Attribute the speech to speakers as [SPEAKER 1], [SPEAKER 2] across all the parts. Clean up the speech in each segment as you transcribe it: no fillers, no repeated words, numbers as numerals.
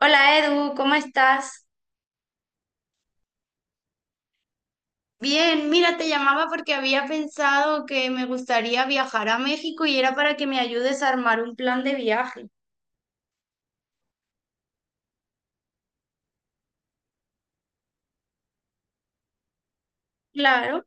[SPEAKER 1] Hola Edu, ¿cómo estás? Bien, mira, te llamaba porque había pensado que me gustaría viajar a México y era para que me ayudes a armar un plan de viaje. Claro,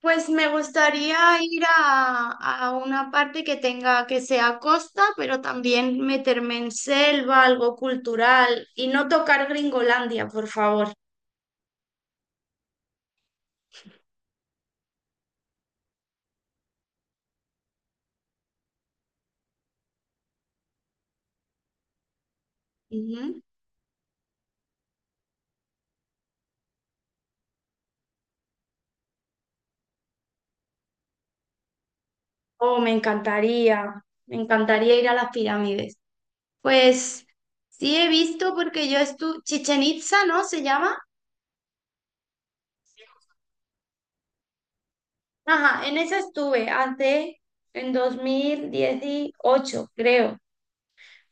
[SPEAKER 1] pues me gustaría ir a una parte que tenga, que sea costa, pero también meterme en selva, algo cultural y no tocar Gringolandia, por favor. Ujú. Oh, me encantaría ir a las pirámides. Pues sí he visto porque yo estuve, Chichen Itza, ¿no? Se llama. Ajá, en esa estuve hace en 2018, creo.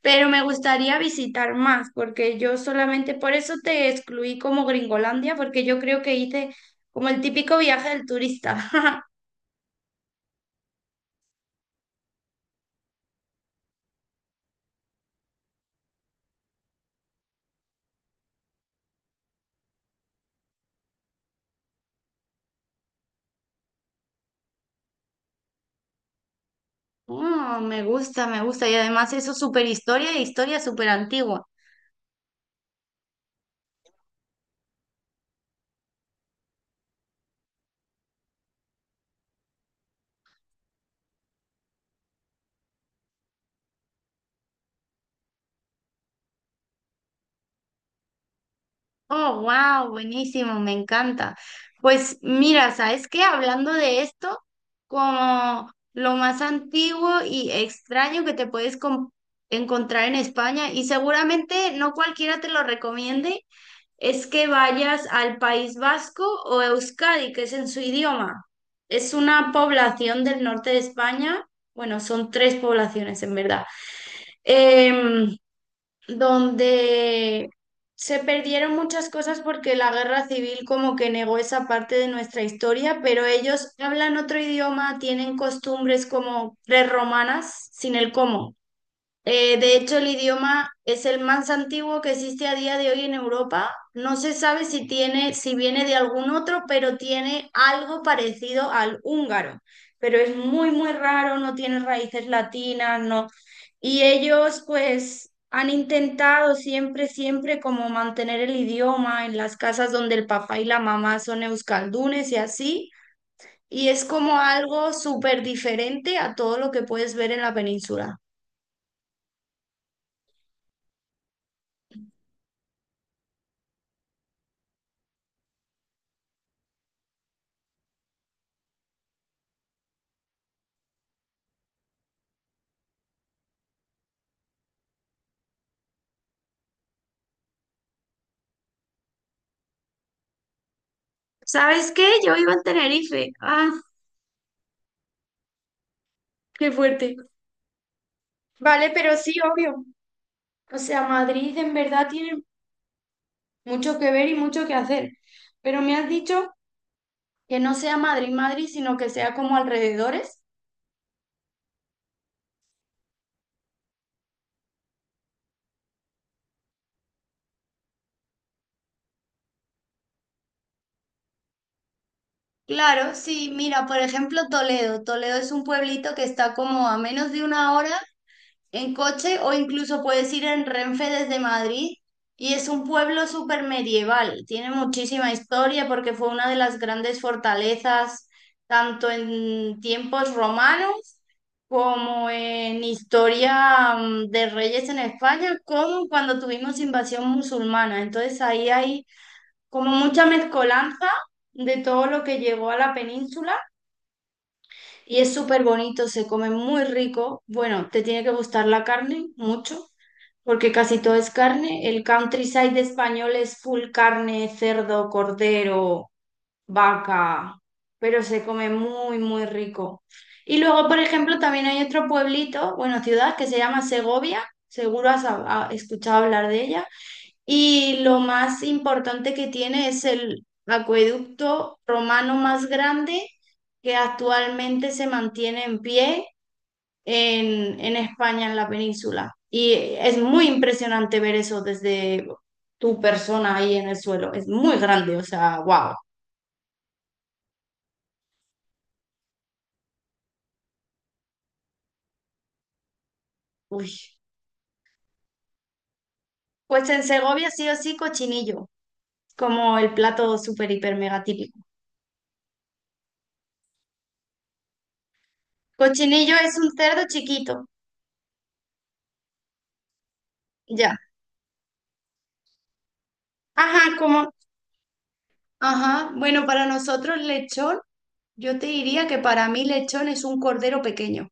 [SPEAKER 1] Pero me gustaría visitar más porque yo solamente, por eso te excluí como Gringolandia, porque yo creo que hice como el típico viaje del turista. Oh, me gusta, me gusta. Y además eso súper historia e historia súper antigua. Oh, wow, buenísimo, me encanta. Pues mira, ¿sabes qué? Hablando de esto, como lo más antiguo y extraño que te puedes encontrar en España, y seguramente no cualquiera te lo recomiende, es que vayas al País Vasco o Euskadi, que es en su idioma. Es una población del norte de España, bueno, son tres poblaciones en verdad. Em, donde se perdieron muchas cosas porque la guerra civil como que negó esa parte de nuestra historia, pero ellos hablan otro idioma, tienen costumbres como prerromanas, sin el cómo. De hecho, el idioma es el más antiguo que existe a día de hoy en Europa. No se sabe si tiene, si viene de algún otro, pero tiene algo parecido al húngaro. Pero es muy, muy raro, no tiene raíces latinas, no. Y ellos, pues, han intentado siempre, siempre como mantener el idioma en las casas donde el papá y la mamá son euskaldunes y así. Y es como algo súper diferente a todo lo que puedes ver en la península. ¿Sabes qué? Yo vivo en Tenerife. Ah, qué fuerte. Vale, pero sí, obvio. O sea, Madrid en verdad tiene mucho que ver y mucho que hacer. Pero me has dicho que no sea Madrid, Madrid, sino que sea como alrededores. Claro, sí, mira, por ejemplo, Toledo. Toledo es un pueblito que está como a menos de una hora en coche o incluso puedes ir en Renfe desde Madrid y es un pueblo súper medieval, tiene muchísima historia porque fue una de las grandes fortalezas tanto en tiempos romanos como en historia de reyes en España, como cuando tuvimos invasión musulmana. Entonces ahí hay como mucha mezcolanza de todo lo que llegó a la península y es súper bonito, se come muy rico. Bueno, te tiene que gustar la carne mucho porque casi todo es carne. El countryside español es full carne, cerdo, cordero, vaca, pero se come muy, muy rico. Y luego, por ejemplo, también hay otro pueblito, bueno, ciudad que se llama Segovia. Seguro has escuchado hablar de ella. Y lo más importante que tiene es el acueducto romano más grande que actualmente se mantiene en pie en España, en la península. Y es muy impresionante ver eso desde tu persona ahí en el suelo. Es muy grande, o sea, wow. Uy. Pues en Segovia sí o sí cochinillo, como el plato súper, hiper, mega típico. Cochinillo es un cerdo chiquito, ya. Ajá, como, ajá, bueno, para nosotros lechón, yo te diría que para mí lechón es un cordero pequeño.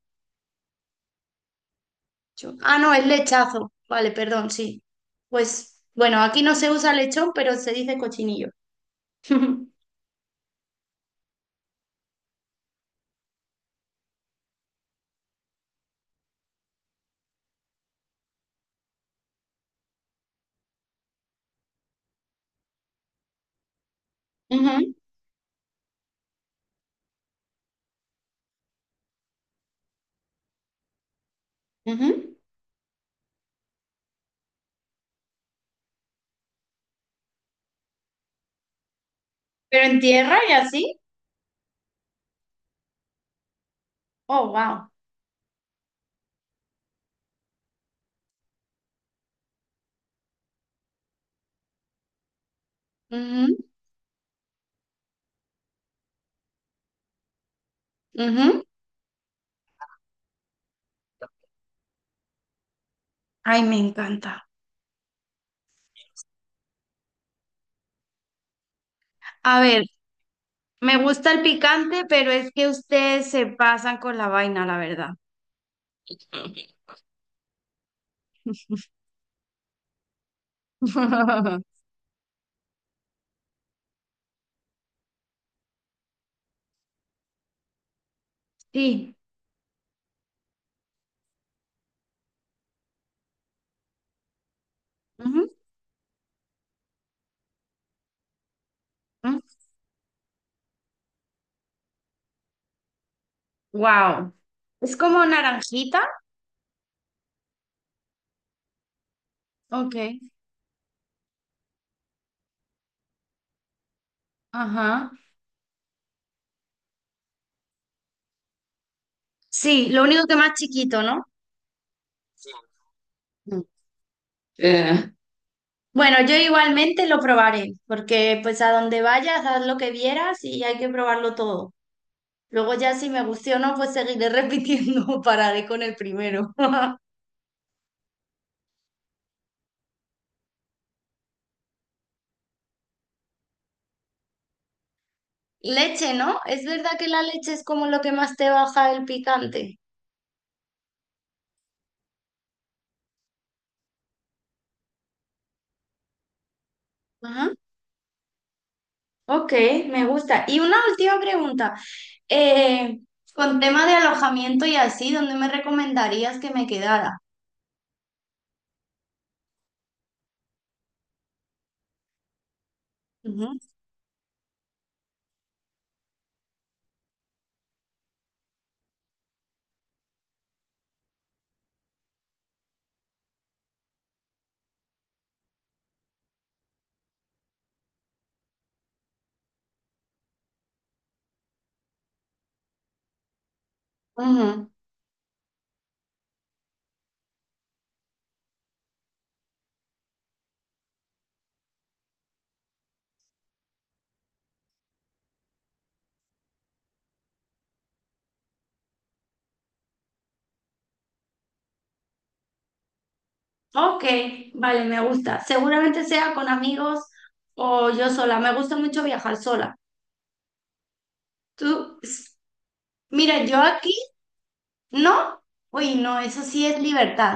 [SPEAKER 1] Ah, no, es lechazo. Vale, perdón, sí. Pues bueno, aquí no se usa lechón, pero se dice cochinillo. Ujú, ujú. Pero en tierra y así. Oh, wow. Ujú, ujú. Ay, me encanta. A ver, me gusta el picante, pero es que ustedes se pasan con la vaina, la verdad. Sí. Wow. Es como naranjita. Ok. Ajá. Sí, lo único que más chiquito, ¿no? Mm. Eh. Bueno, yo igualmente lo probaré, porque pues a donde vayas, haz lo que vieras y hay que probarlo todo. Luego ya si me guste o no, pues seguiré repitiendo, pararé con el primero. Leche, ¿no? ¿Es verdad que la leche es como lo que más te baja el picante? Ajá. Ok, me gusta. Y una última pregunta. Eh, con tema de alojamiento y así, ¿dónde me recomendarías que me quedara? Ujú, ujú. Ok, vale, me gusta. Seguramente sea con amigos o yo sola. Me gusta mucho viajar sola. Tú, s- mira, yo aquí, ¿no? Uy, no, eso sí es libertad.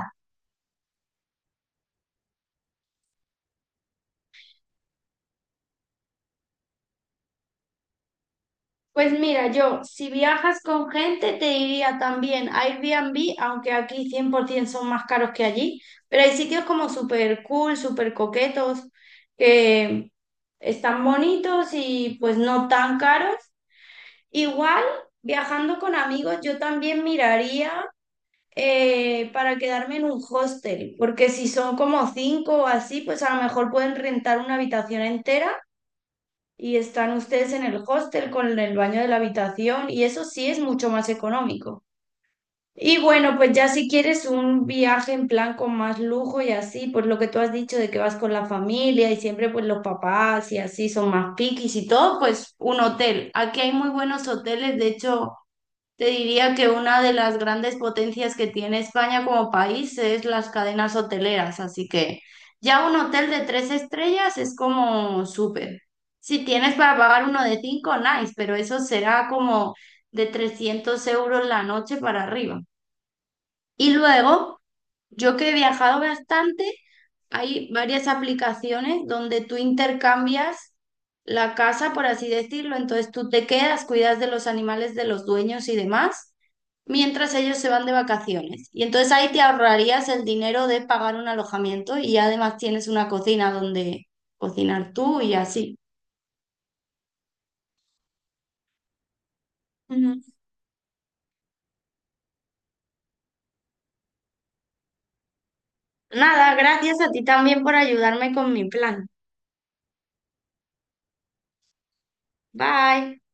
[SPEAKER 1] Pues mira, yo, si viajas con gente, te diría también a Airbnb, aunque aquí 100% son más caros que allí, pero hay sitios como súper cool, súper coquetos, que están bonitos y pues no tan caros. Igual, viajando con amigos, yo también miraría. Eh, para quedarme en un hostel, porque si son como cinco o así, pues a lo mejor pueden rentar una habitación entera y están ustedes en el hostel con el baño de la habitación y eso sí es mucho más económico. Y bueno, pues ya si quieres un viaje en plan con más lujo y así, pues lo que tú has dicho de que vas con la familia y siempre pues los papás y así son más piquis y todo, pues un hotel. Aquí hay muy buenos hoteles, de hecho te diría que una de las grandes potencias que tiene España como país es las cadenas hoteleras, así que ya un hotel de tres estrellas es como súper. Si tienes para pagar uno de cinco, nice, pero eso será como de 300 euros la noche para arriba. Y luego, yo que he viajado bastante, hay varias aplicaciones donde tú intercambias la casa, por así decirlo. Entonces tú te quedas, cuidas de los animales de los dueños y demás, mientras ellos se van de vacaciones. Y entonces ahí te ahorrarías el dinero de pagar un alojamiento y además tienes una cocina donde cocinar tú y así. Ujú. Nada, gracias a ti también por ayudarme con mi plan. Bye.